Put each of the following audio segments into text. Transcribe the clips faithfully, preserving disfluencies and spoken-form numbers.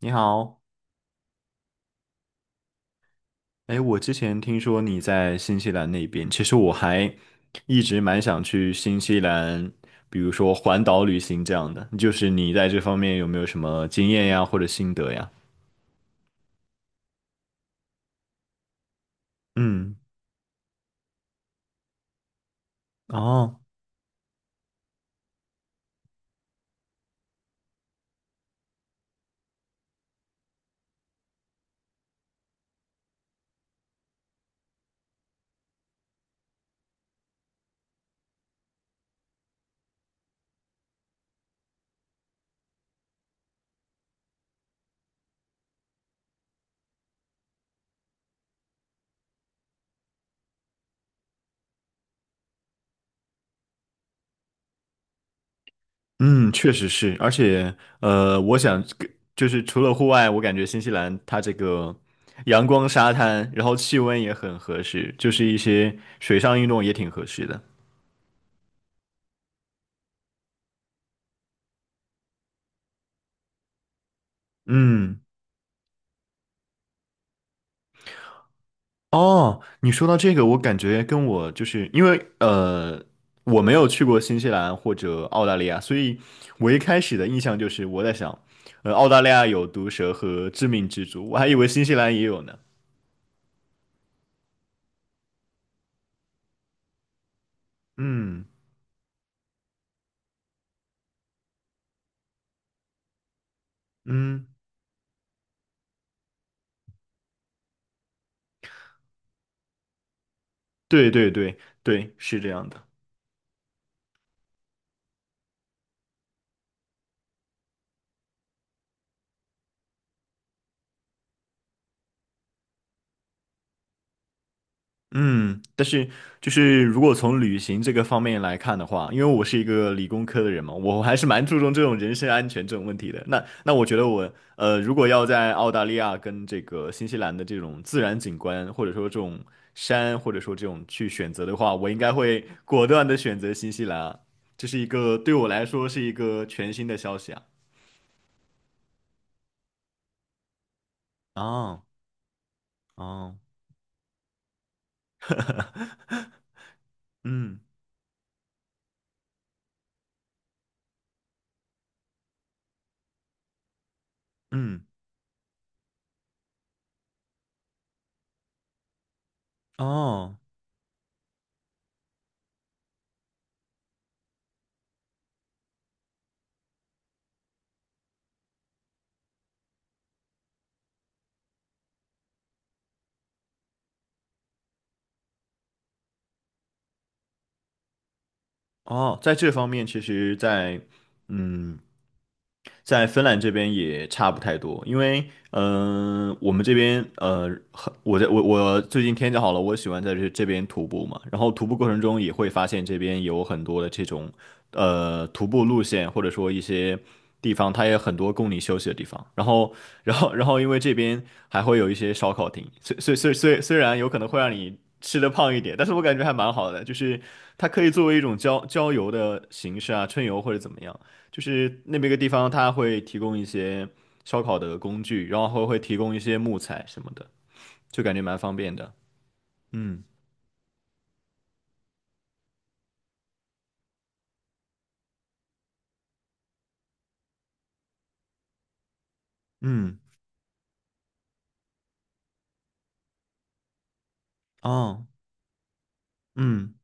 你好。哎，我之前听说你在新西兰那边，其实我还一直蛮想去新西兰，比如说环岛旅行这样的。就是你在这方面有没有什么经验呀，或者心得呀？嗯。哦。嗯，确实是。而且呃，我想跟就是除了户外，我感觉新西兰它这个阳光、沙滩，然后气温也很合适，就是一些水上运动也挺合适的。嗯。哦，你说到这个，我感觉跟我就是因为呃，我没有去过新西兰或者澳大利亚，所以我一开始的印象就是我在想，呃，澳大利亚有毒蛇和致命蜘蛛，我还以为新西兰也有呢。嗯嗯，对对对对，是这样的。嗯，但是就是如果从旅行这个方面来看的话，因为我是一个理工科的人嘛，我还是蛮注重这种人身安全这种问题的。那那我觉得我呃，如果要在澳大利亚跟这个新西兰的这种自然景观，或者说这种山，或者说这种去选择的话，我应该会果断的选择新西兰啊。这是一个对我来说是一个全新的消息啊。哦。哦。嗯。嗯。哦。哦，在这方面，其实在，嗯，在芬兰这边也差不太多，因为，嗯、我们这边，呃，很我在我我最近天气好了，我喜欢在这这边徒步嘛，然后徒步过程中也会发现这边有很多的这种，呃，徒步路线，或者说一些地方，它也很多供你休息的地方，然后，然后，然后，因为这边还会有一些烧烤亭，虽虽虽虽虽然有可能会让你吃的胖一点，但是我感觉还蛮好的，就是它可以作为一种郊郊游的形式啊，春游或者怎么样，就是那边一个地方它会提供一些烧烤的工具，然后会提供一些木材什么的，就感觉蛮方便的。嗯。嗯。哦。嗯。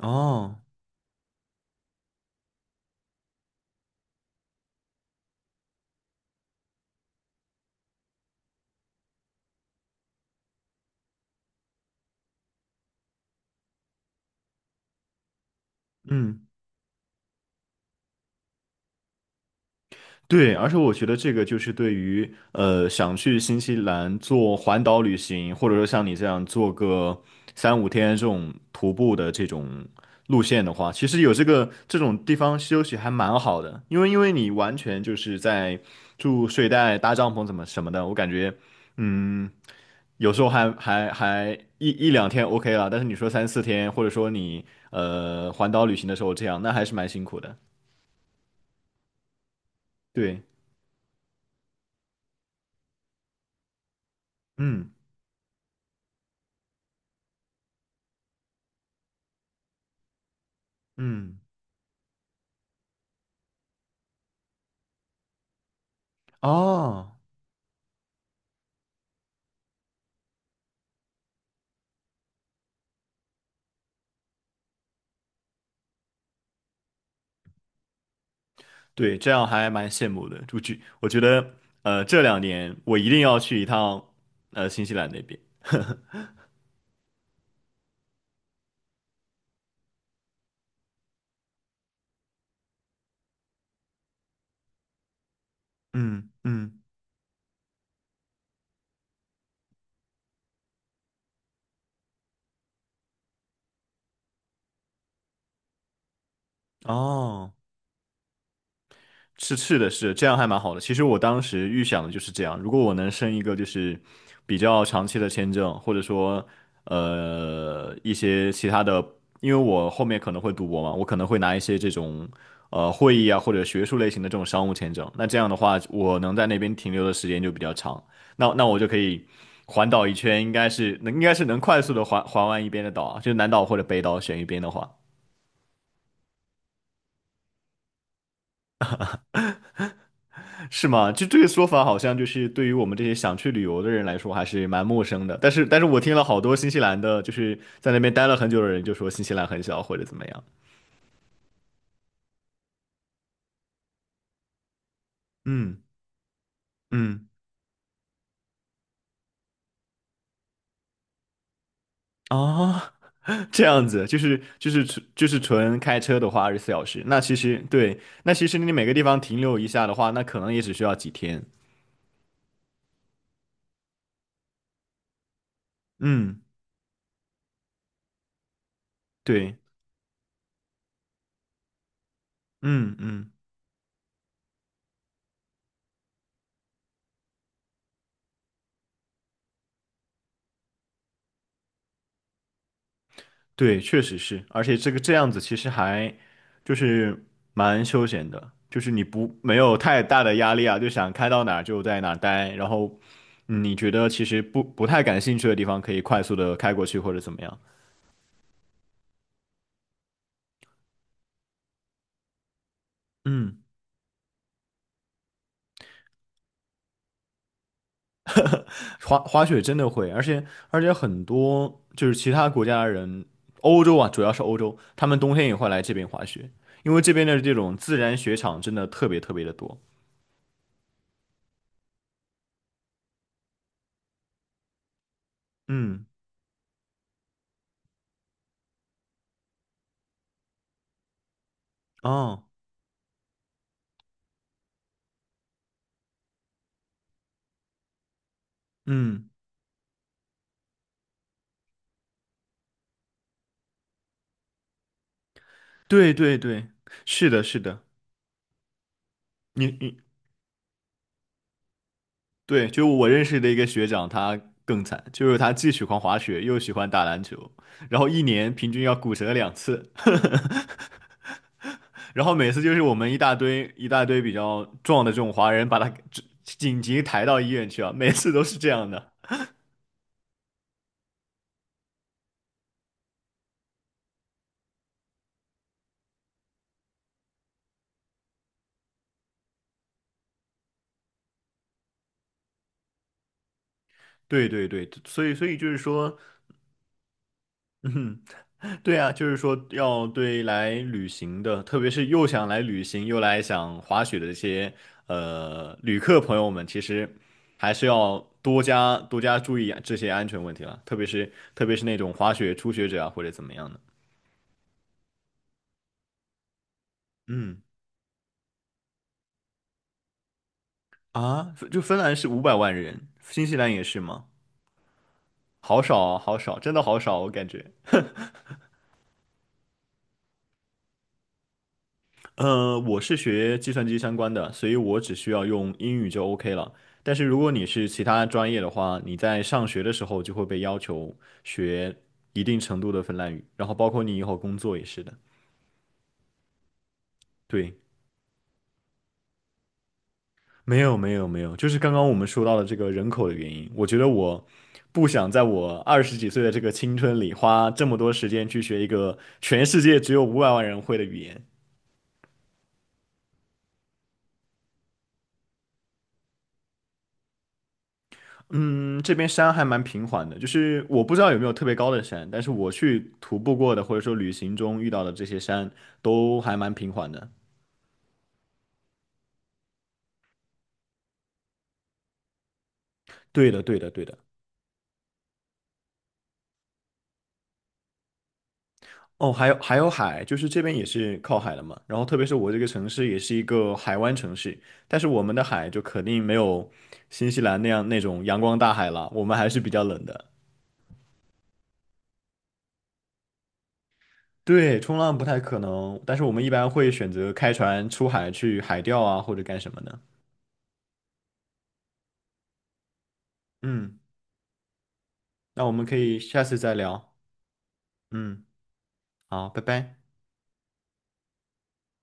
哦。嗯。对，而且我觉得这个就是对于呃想去新西兰做环岛旅行，或者说像你这样做个三五天这种徒步的这种路线的话，其实有这个这种地方休息还蛮好的，因为因为你完全就是在住睡袋、搭帐篷怎么什么的，我感觉嗯。有时候还还还一一两天 OK 了，但是你说三四天，或者说你呃环岛旅行的时候这样，那还是蛮辛苦的。对。嗯。嗯。哦，对，这样还蛮羡慕的。我觉我觉得，呃，这两年我一定要去一趟，呃，新西兰那边。嗯。嗯。哦。是是的是这样还蛮好的。其实我当时预想的就是这样，如果我能申一个就是比较长期的签证，或者说呃一些其他的，因为我后面可能会读博嘛，我可能会拿一些这种呃会议啊或者学术类型的这种商务签证。那这样的话，我能在那边停留的时间就比较长，那那我就可以环岛一圈，应该是能应该是能快速的环环完一边的岛啊就南岛或者北岛选一边的话。是吗？就这个说法，好像就是对于我们这些想去旅游的人来说，还是蛮陌生的。但是，但是我听了好多新西兰的，就是在那边待了很久的人，就说新西兰很小或者怎么样。嗯。嗯。啊。这样子，就是就是纯就是纯开车的话，二十四小时。那其实对，那其实你每个地方停留一下的话，那可能也只需要几天。嗯。对。嗯。嗯。对，确实是，而且这个这样子其实还就是蛮休闲的，就是你不没有太大的压力啊，就想开到哪儿就在哪儿待，然后嗯你觉得其实不不太感兴趣的地方可以快速的开过去或者怎么样。嗯，滑滑雪真的会，而且而且很多就是其他国家的人，欧洲啊，主要是欧洲，他们冬天也会来这边滑雪，因为这边的这种自然雪场真的特别特别的多。嗯。哦。嗯。对对对，是的，是的，你你对，就我认识的一个学长，他更惨，就是他既喜欢滑雪，又喜欢打篮球，然后一年平均要骨折两次，然后每次就是我们一大堆一大堆比较壮的这种华人，把他给紧紧急抬到医院去啊，每次都是这样的。对对对，所以所以就是说，嗯哼。对啊，就是说要对来旅行的，特别是又想来旅行又来想滑雪的这些呃旅客朋友们，其实还是要多加多加注意这些安全问题了，特别是特别是那种滑雪初学者啊或者怎么样的。嗯。啊，就芬兰是五百万人，新西兰也是吗？好少啊，好少，真的好少，我感觉。呃，我是学计算机相关的，所以我只需要用英语就 OK 了。但是如果你是其他专业的话，你在上学的时候就会被要求学一定程度的芬兰语，然后包括你以后工作也是的。对，没有没有没有，就是刚刚我们说到的这个人口的原因，我觉得我不想在我二十几岁的这个青春里花这么多时间去学一个全世界只有五百万人会的语言。嗯，这边山还蛮平缓的，就是我不知道有没有特别高的山，但是我去徒步过的或者说旅行中遇到的这些山都还蛮平缓的。对的，对的，对的。哦，还有还有海，就是这边也是靠海的嘛。然后特别是我这个城市也是一个海湾城市，但是我们的海就肯定没有新西兰那样那种阳光大海了，我们还是比较冷的。对，冲浪不太可能，但是我们一般会选择开船出海去海钓啊，或者干什么的。嗯，那我们可以下次再聊。嗯，好，拜拜。